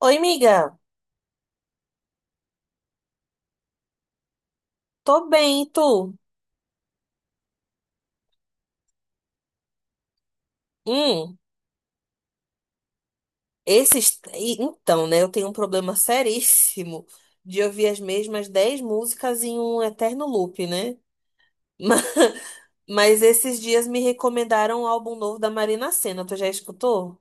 Oi, amiga. Tô bem, e tu? Hum, Então, né, eu tenho um problema seríssimo de ouvir as mesmas 10 músicas em um eterno loop, né? Ma- Mas esses dias me recomendaram um álbum novo da Marina Sena. Tu já escutou?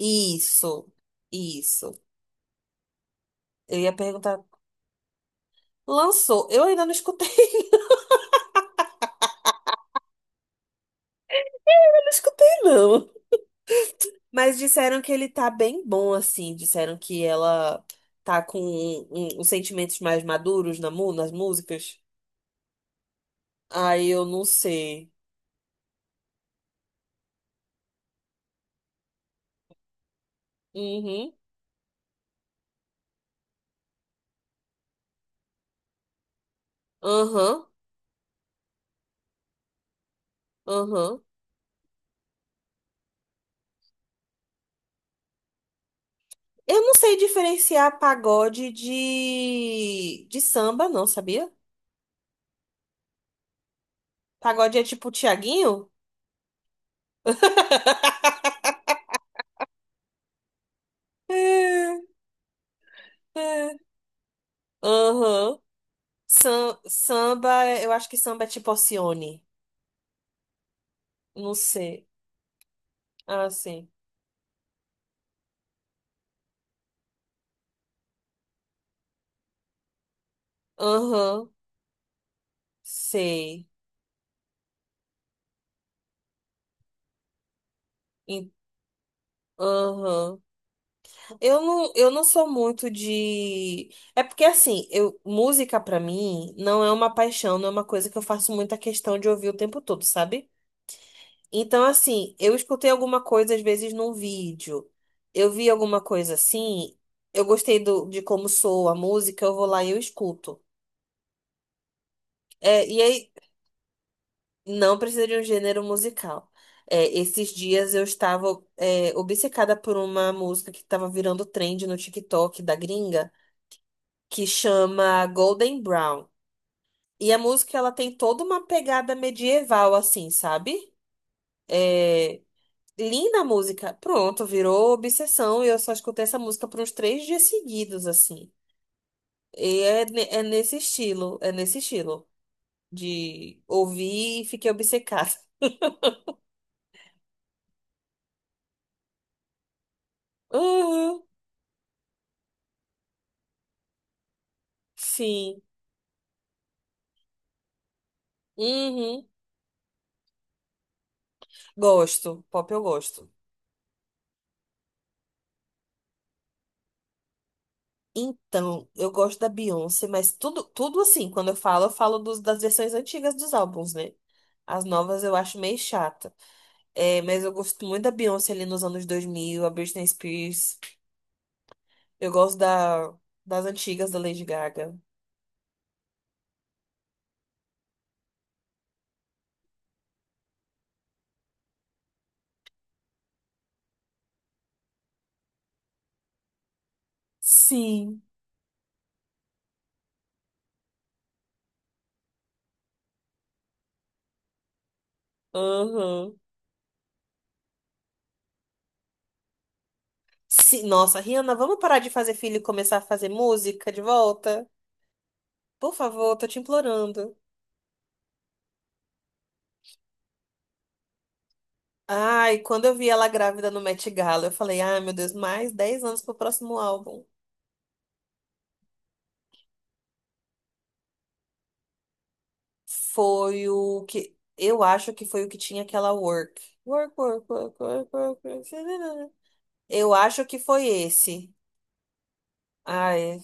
Isso, isso. Eu ia perguntar. Lançou. Eu ainda não escutei. Não escutei, não. Mas disseram que ele tá bem bom, assim. Disseram que ela tá com os sentimentos mais maduros nas músicas. Aí eu não sei. Uhum, aham, aham. Eu não sei diferenciar pagode de samba, não, sabia? Pagode é tipo Tiaguinho? É, é. Aham. Samba, eu acho que samba é tipo Alcione. Não sei. Ah, sim. Aham. Sei. Aham. Eu não sou muito de. É porque assim, música pra mim não é uma paixão, não é uma coisa que eu faço muita questão de ouvir o tempo todo, sabe? Então, assim, eu escutei alguma coisa às vezes num vídeo, eu vi alguma coisa assim, eu gostei de como soa a música, eu vou lá e eu escuto. É, e aí, não precisa de um gênero musical. É, esses dias eu estava, é, obcecada por uma música que estava virando trend no TikTok da gringa, que chama Golden Brown. E a música ela tem toda uma pegada medieval, assim, sabe? É, linda a música. Pronto, virou obsessão e eu só escutei essa música por uns 3 dias seguidos, assim. E é, ne- é nesse estilo de ouvir e fiquei obcecada. Uhum, sim. Uhum. Gosto, pop eu gosto. Então, eu gosto da Beyoncé, mas tudo, tudo assim, quando eu falo das versões antigas dos álbuns, né? As novas eu acho meio chata. É, mas eu gosto muito da Beyoncé ali nos anos 2000, a Britney Spears. Eu gosto das antigas da Lady Gaga. Sim. Uhum. Sim, nossa, Rihanna, vamos parar de fazer filho e começar a fazer música de volta? Por favor, tô te implorando. Ai, quando eu vi ela grávida no Met Gala, eu falei, ai, meu Deus, mais 10 anos pro próximo álbum. Foi o que, eu acho que foi o que tinha aquela Work. Work, work, work, work, work, work. Eu acho que foi esse. Ai,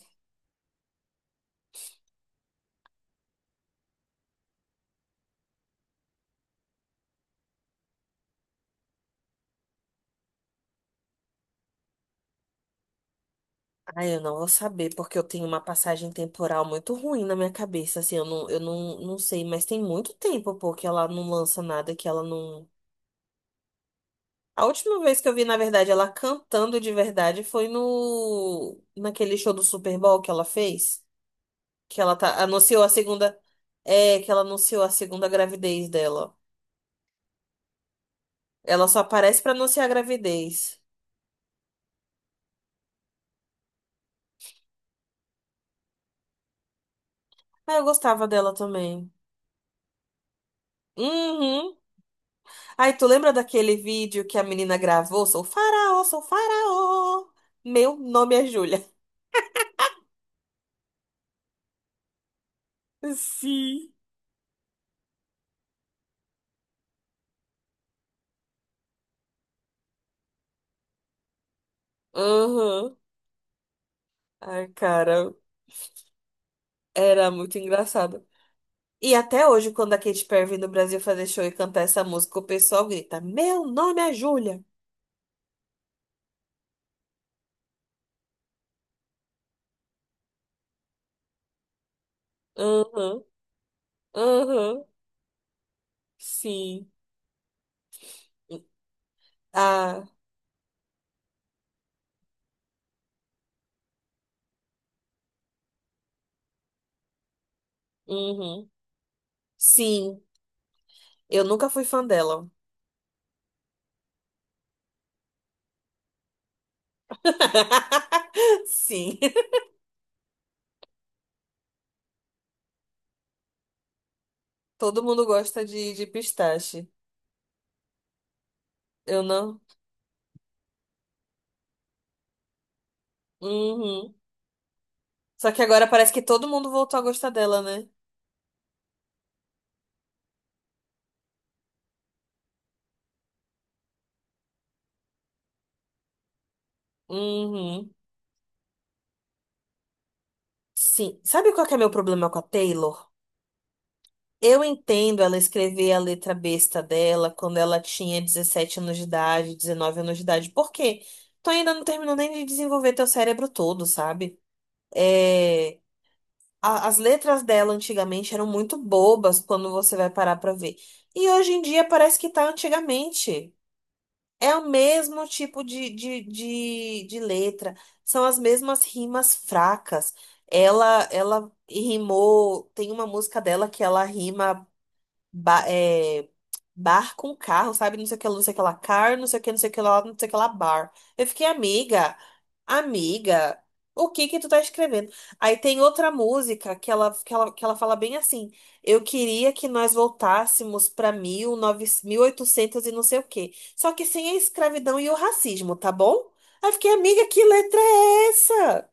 ai, eu não vou saber, porque eu tenho uma passagem temporal muito ruim na minha cabeça, assim, eu não, não sei, mas tem muito tempo, pô, que ela não lança nada, que ela não. A última vez que eu vi, na verdade, ela cantando de verdade foi no... naquele show do Super Bowl que ela fez, que ela anunciou a segunda. É, que ela anunciou a segunda gravidez dela. Ela só aparece pra anunciar a gravidez. Ah, eu gostava dela também. Uhum. Ai, tu lembra daquele vídeo que a menina gravou? Sou faraó, sou faraó. Meu nome é Júlia. Sim. Aham. Ai, cara, era muito engraçado. E até hoje, quando a Katy Perry vem no Brasil fazer show e cantar essa música, o pessoal grita: Meu nome é Júlia. Aham, aham, sim. Ah, uhum. Sim, eu nunca fui fã dela. Sim, todo mundo gosta de pistache. Eu não. Uhum. Só que agora parece que todo mundo voltou a gostar dela, né? Uhum. Sim. Sabe qual que é meu problema com a Taylor? Eu entendo ela escrever a letra besta dela quando ela tinha 17 anos de idade, 19 anos de idade. Por quê? Tu ainda não terminou nem de desenvolver teu cérebro todo, sabe? É... As letras dela antigamente eram muito bobas quando você vai parar pra ver. E hoje em dia parece que tá antigamente. É o mesmo tipo de letra, são as mesmas rimas fracas. Ela rimou, tem uma música dela que ela rima ba- é, bar com carro, sabe? Não sei o que, lá, não sei o que lá, car, não sei o que, não sei o que lá, não sei o que lá, bar. Eu fiquei amiga. Amiga, o que que tu tá escrevendo? Aí tem outra música que ela, fala bem assim: Eu queria que nós voltássemos pra 19, oitocentos e não sei o quê. Só que sem a escravidão e o racismo, tá bom? Aí eu fiquei, amiga, que letra é essa?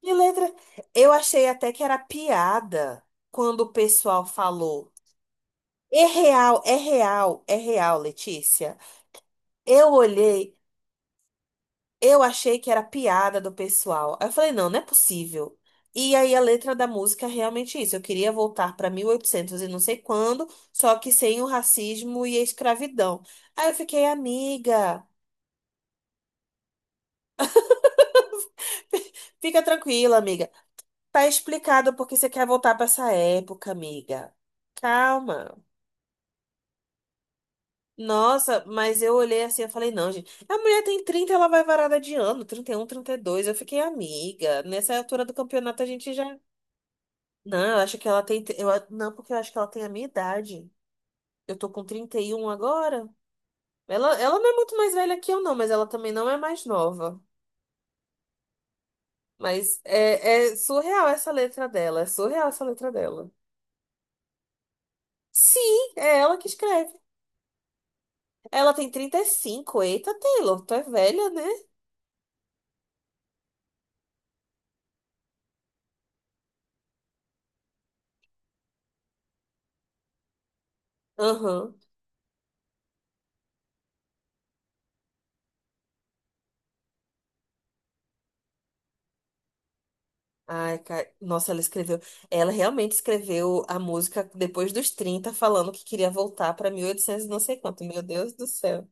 Que letra? Eu achei até que era piada quando o pessoal falou. É real, é real, é real, Letícia. Eu olhei. Eu achei que era piada do pessoal. Aí eu falei, não, não é possível. E aí a letra da música é realmente isso. Eu queria voltar para 1800 e oitocentos e não sei quando, só que sem o racismo e a escravidão. Aí eu fiquei, amiga, fica tranquila, amiga. Tá explicado porque você quer voltar para essa época, amiga. Calma. Nossa, mas eu olhei assim, eu falei, não, gente. A mulher tem 30, ela vai varada de ano, 30, 31, 32. Eu fiquei, amiga, nessa altura do campeonato a gente já. Não, eu acho que ela tem. Não, porque eu acho que ela tem a minha idade. Eu tô com 31 agora. Ela não é muito mais velha que eu, não, mas ela também não é mais nova. Mas é surreal essa letra dela. É surreal essa letra dela. Sim, é ela que escreve. Ela tem 35. Eita, Taylor, tu é velha, né? Aham. Ai, cara. Nossa, ela escreveu. Ela realmente escreveu a música depois dos 30 falando que queria voltar pra 1800 e oitocentos e não sei quanto. Meu Deus do céu.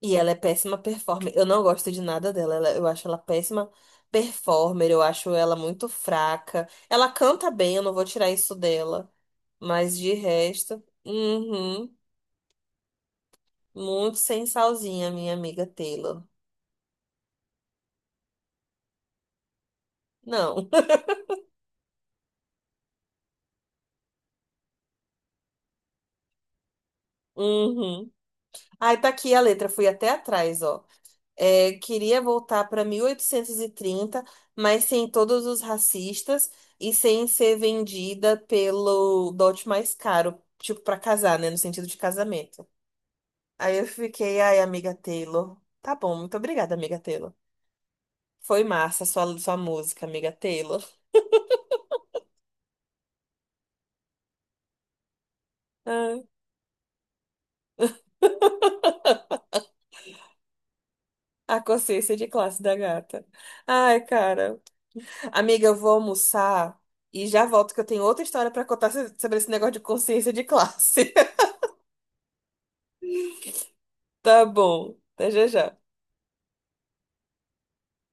E ela é péssima performer. Eu não gosto de nada dela. Eu acho ela péssima performer. Eu acho ela muito fraca. Ela canta bem, eu não vou tirar isso dela. Mas de resto, uhum, muito sem salzinha, minha amiga Taylor. Não. Uhum. Aí tá aqui a letra, fui até atrás, ó. É, queria voltar pra 1830, mas sem todos os racistas e sem ser vendida pelo dote mais caro, tipo pra casar, né, no sentido de casamento. Aí eu fiquei, ai, amiga Taylor. Tá bom, muito obrigada, amiga Taylor. Foi massa sua música, amiga Taylor. Ai, a consciência de classe da gata. Ai, cara. Amiga, eu vou almoçar e já volto que eu tenho outra história pra contar sobre esse negócio de consciência de classe. Tá bom. Até já já.